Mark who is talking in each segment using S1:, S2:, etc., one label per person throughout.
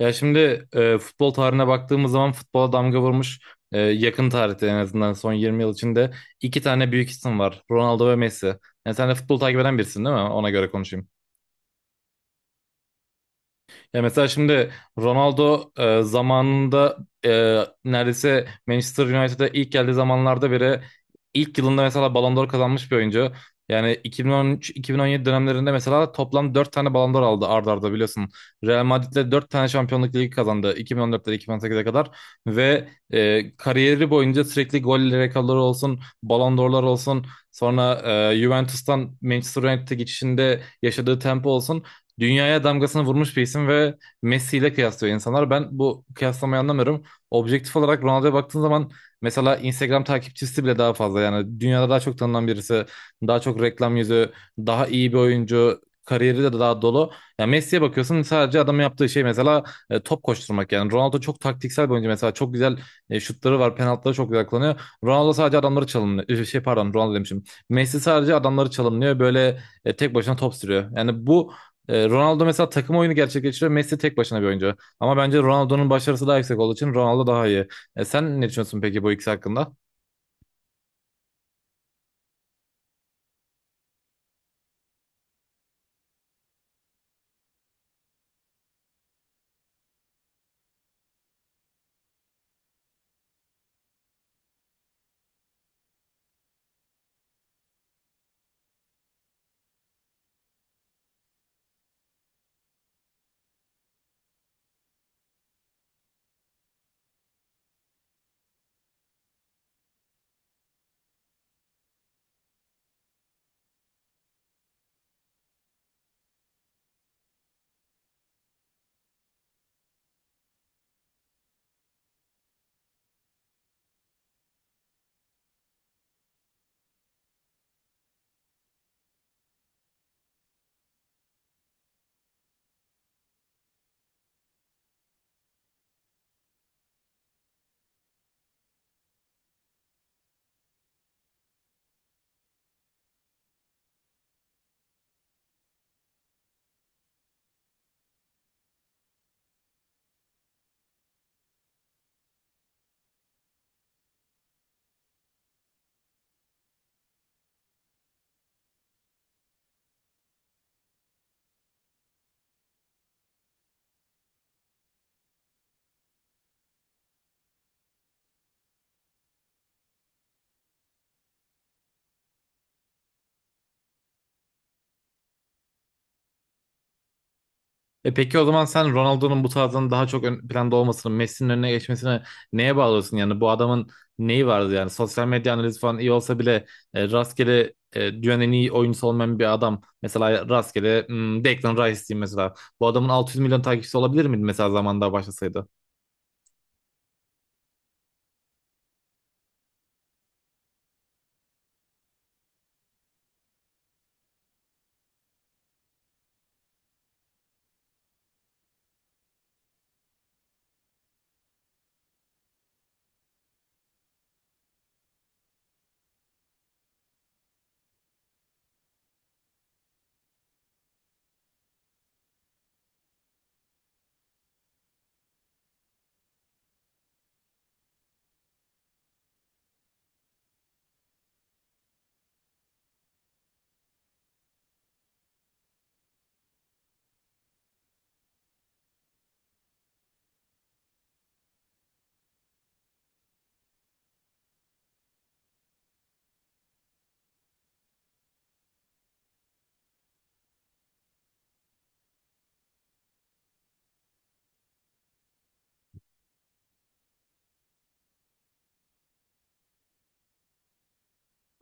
S1: Ya şimdi futbol tarihine baktığımız zaman futbola damga vurmuş yakın tarihte en azından son 20 yıl içinde iki tane büyük isim var. Ronaldo ve Messi. Yani sen de futbol takip eden birisin değil mi? Ona göre konuşayım. Ya mesela şimdi Ronaldo zamanında e, neredeyse Manchester United'a ilk geldiği zamanlarda bile ilk yılında mesela Ballon d'Or kazanmış bir oyuncu. Yani 2013-2017 dönemlerinde mesela toplam 4 tane Ballon d'Or aldı arda arda biliyorsun. Real Madrid'le 4 tane Şampiyonluk Ligi kazandı 2014'te 2018'e kadar ve kariyeri boyunca sürekli gol rekorları olsun, Ballon d'Or'lar olsun, sonra Juventus'tan Manchester United'e geçişinde yaşadığı tempo olsun dünyaya damgasını vurmuş bir isim ve Messi ile kıyaslıyor insanlar. Ben bu kıyaslamayı anlamıyorum. Objektif olarak Ronaldo'ya baktığın zaman mesela Instagram takipçisi bile daha fazla. Yani dünyada daha çok tanınan birisi, daha çok reklam yüzü, daha iyi bir oyuncu, kariyeri de daha dolu. Ya Messi'ye bakıyorsun, sadece adamın yaptığı şey mesela top koşturmak yani. Ronaldo çok taktiksel bir oyuncu, mesela çok güzel şutları var, penaltıları çok güzel kullanıyor. Ronaldo sadece adamları çalımlıyor. Şey pardon, Ronaldo demişim. Messi sadece adamları çalımlıyor. Böyle tek başına top sürüyor. Yani bu Ronaldo mesela takım oyunu gerçekleştiriyor. Messi tek başına bir oyuncu. Ama bence Ronaldo'nun başarısı daha yüksek olduğu için Ronaldo daha iyi. Sen ne düşünüyorsun peki bu ikisi hakkında? E peki o zaman sen Ronaldo'nun bu tarzdan daha çok ön planda olmasını, Messi'nin önüne geçmesini neye bağlıyorsun? Yani bu adamın neyi vardı yani? Sosyal medya analizi falan iyi olsa bile rastgele, dünyanın en iyi oyuncusu olmayan bir adam. Mesela rastgele, Declan Rice diyeyim mesela. Bu adamın 600 milyon takipçisi olabilir miydi mesela zamanda başlasaydı?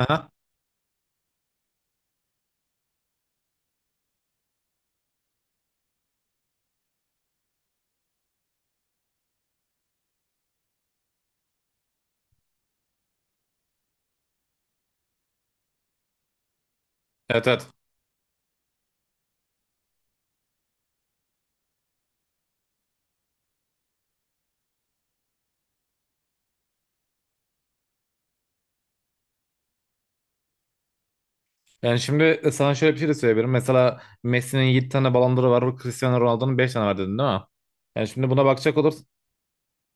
S1: Aha. Evet, evet. Yani şimdi sana şöyle bir şey de söyleyebilirim. Mesela Messi'nin 7 tane Ballon d'Or'u var. Cristiano Ronaldo'nun 5 tane var dedin değil mi? Yani şimdi buna bakacak olur,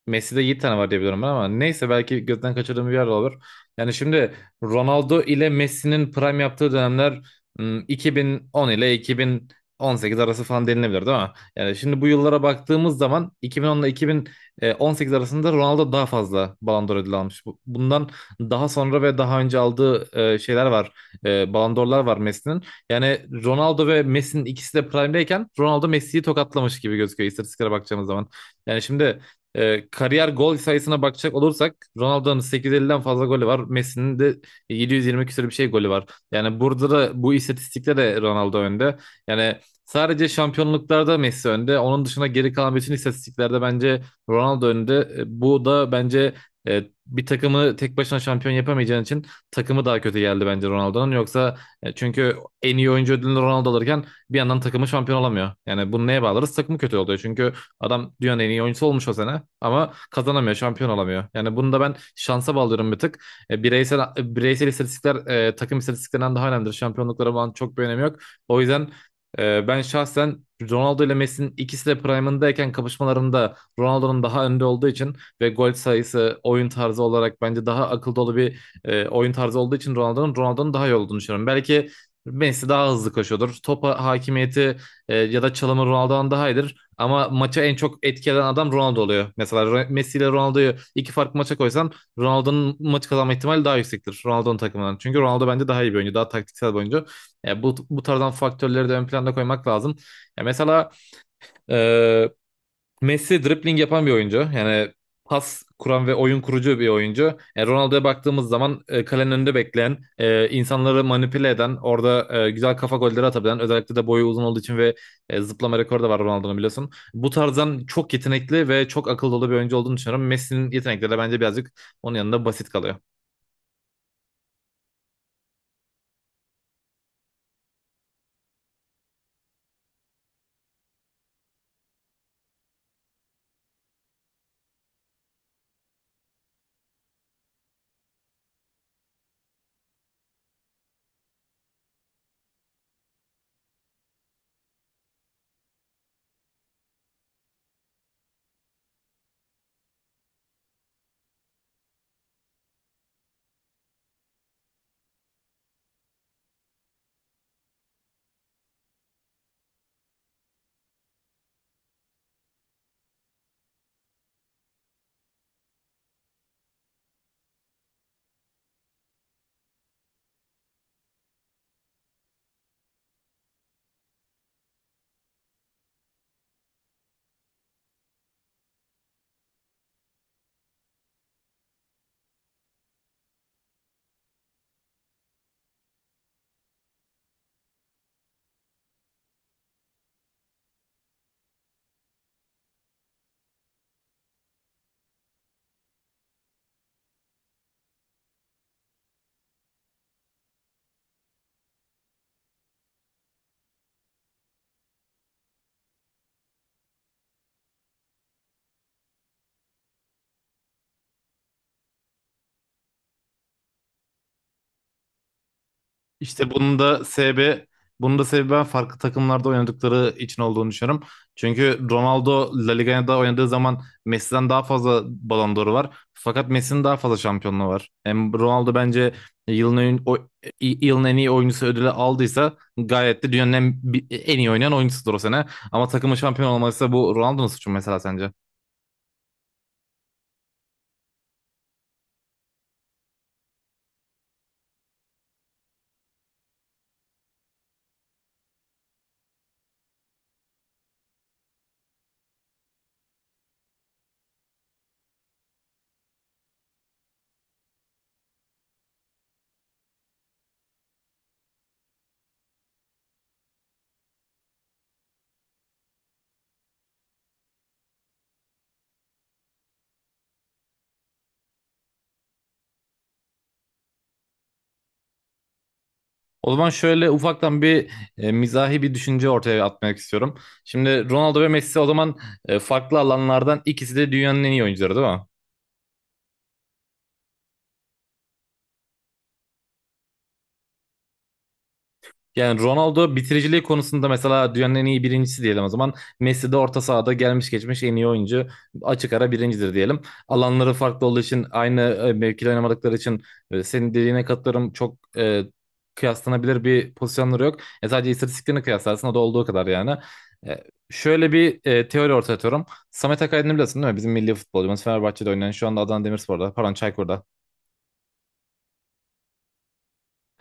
S1: Messi'de 7 tane var diye biliyorum ben ama neyse, belki gözden kaçırdığım bir yer de olabilir. Yani şimdi Ronaldo ile Messi'nin prime yaptığı dönemler 2010 ile 2018 arası falan denilebilir değil mi? Yani şimdi bu yıllara baktığımız zaman 2010 ile 2018 arasında Ronaldo daha fazla Ballon d'Or ödülü almış. Bundan daha sonra ve daha önce aldığı şeyler var. Ballon d'Or'lar var Messi'nin. Yani Ronaldo ve Messi'nin ikisi de prime'deyken Ronaldo Messi'yi tokatlamış gibi gözüküyor istatistiklere bakacağımız zaman. Yani şimdi kariyer gol sayısına bakacak olursak Ronaldo'nun 850'den fazla golü var. Messi'nin de 720 küsur bir şey golü var. Yani burada da, bu istatistikte de Ronaldo önde. Yani sadece şampiyonluklarda Messi önde. Onun dışında geri kalan bütün istatistiklerde bence Ronaldo önde. E, bu da bence bir takımı tek başına şampiyon yapamayacağın için takımı daha kötü geldi bence Ronaldo'nun. Yoksa çünkü en iyi oyuncu ödülünü Ronaldo alırken bir yandan takımı şampiyon olamıyor. Yani bunu neye bağlarız? Takımı kötü oluyor. Çünkü adam dünyanın en iyi oyuncusu olmuş o sene ama kazanamıyor, şampiyon olamıyor. Yani bunu da ben şansa bağlıyorum bir tık. Bireysel istatistikler takım istatistiklerinden daha önemlidir. Şampiyonluklara bağlı çok bir önemi yok. O yüzden ben şahsen Ronaldo ile Messi'nin ikisi de prime'ındayken kapışmalarında Ronaldo'nun daha önde olduğu için ve gol sayısı, oyun tarzı olarak bence daha akıl dolu bir oyun tarzı olduğu için Ronaldo'nun daha iyi olduğunu düşünüyorum. Belki Messi daha hızlı koşuyordur. Topa hakimiyeti ya da çalımı Ronaldo'dan daha iyidir. Ama maçı en çok etkileyen adam Ronaldo oluyor. Mesela Messi ile Ronaldo'yu iki farklı maça koysan Ronaldo'nun maçı kazanma ihtimali daha yüksektir. Ronaldo'nun takımından. Çünkü Ronaldo bence daha iyi bir oyuncu. Daha taktiksel bir oyuncu. Ya bu tarzdan faktörleri de ön planda koymak lazım. Ya mesela e, Messi dribbling yapan bir oyuncu. Yani pas kuran ve oyun kurucu bir oyuncu. E, Ronaldo'ya baktığımız zaman kalenin önünde bekleyen, insanları manipüle eden, orada güzel kafa golleri atabilen, özellikle de boyu uzun olduğu için ve zıplama rekoru da var Ronaldo'nun, biliyorsun. Bu tarzdan çok yetenekli ve çok akıllı dolu bir oyuncu olduğunu düşünüyorum. Messi'nin yetenekleri de bence birazcık onun yanında basit kalıyor. İşte bunun da sebebi ben farklı takımlarda oynadıkları için olduğunu düşünüyorum. Çünkü Ronaldo La Liga'da oynadığı zaman Messi'den daha fazla Ballon d'Or'u var. Fakat Messi'nin daha fazla şampiyonluğu var. Hem Ronaldo bence yılın en, o- yılın en iyi oyuncusu ödülü aldıysa gayet de en iyi oynayan oyuncusudur o sene. Ama takımın şampiyon olmalıysa bu Ronaldo'nun suçu mu mesela sence? O zaman şöyle ufaktan bir mizahi bir düşünce ortaya atmak istiyorum. Şimdi Ronaldo ve Messi o zaman farklı alanlardan ikisi de dünyanın en iyi oyuncuları değil mi? Yani Ronaldo bitiriciliği konusunda mesela dünyanın en iyi birincisi diyelim o zaman. Messi de orta sahada gelmiş geçmiş en iyi oyuncu. Açık ara birincidir diyelim. Alanları farklı olduğu için aynı mevkide oynamadıkları için senin dediğine katılıyorum. Çok kıyaslanabilir bir pozisyonları yok. Sadece istatistiklerini kıyaslarsın, o da olduğu kadar yani. E, Şöyle bir teori ortaya atıyorum. Samet Akaydın'ı biliyorsun değil mi? Bizim milli futbolcumuz, Fenerbahçe'de oynayan, şu anda Adana Demirspor'da pardon Çaykur'da.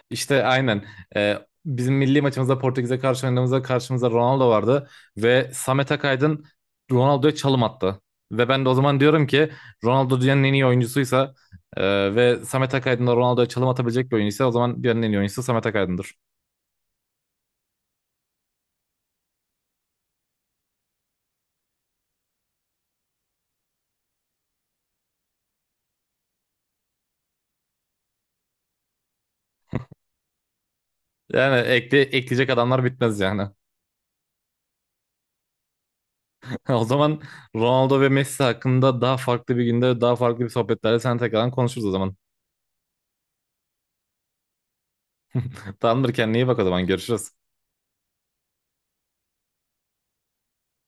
S1: İşte aynen. Ee, Bizim milli maçımızda Portekiz'e karşı oynadığımızda karşımızda Ronaldo vardı ve Samet Akaydın Ronaldo'ya çalım attı. Ve ben de o zaman diyorum ki Ronaldo dünyanın en iyi oyuncusuysa ve Samet Akaydın da Ronaldo'ya çalım atabilecek bir oyuncuysa o zaman dünyanın en iyi oyuncusu Samet Akaydın'dır. Yani ekle, ekleyecek adamlar bitmez yani. O zaman Ronaldo ve Messi hakkında daha farklı bir günde daha farklı bir sohbetlerle sen tekrardan konuşuruz o zaman. Tamamdır, kendine iyi bak, o zaman görüşürüz.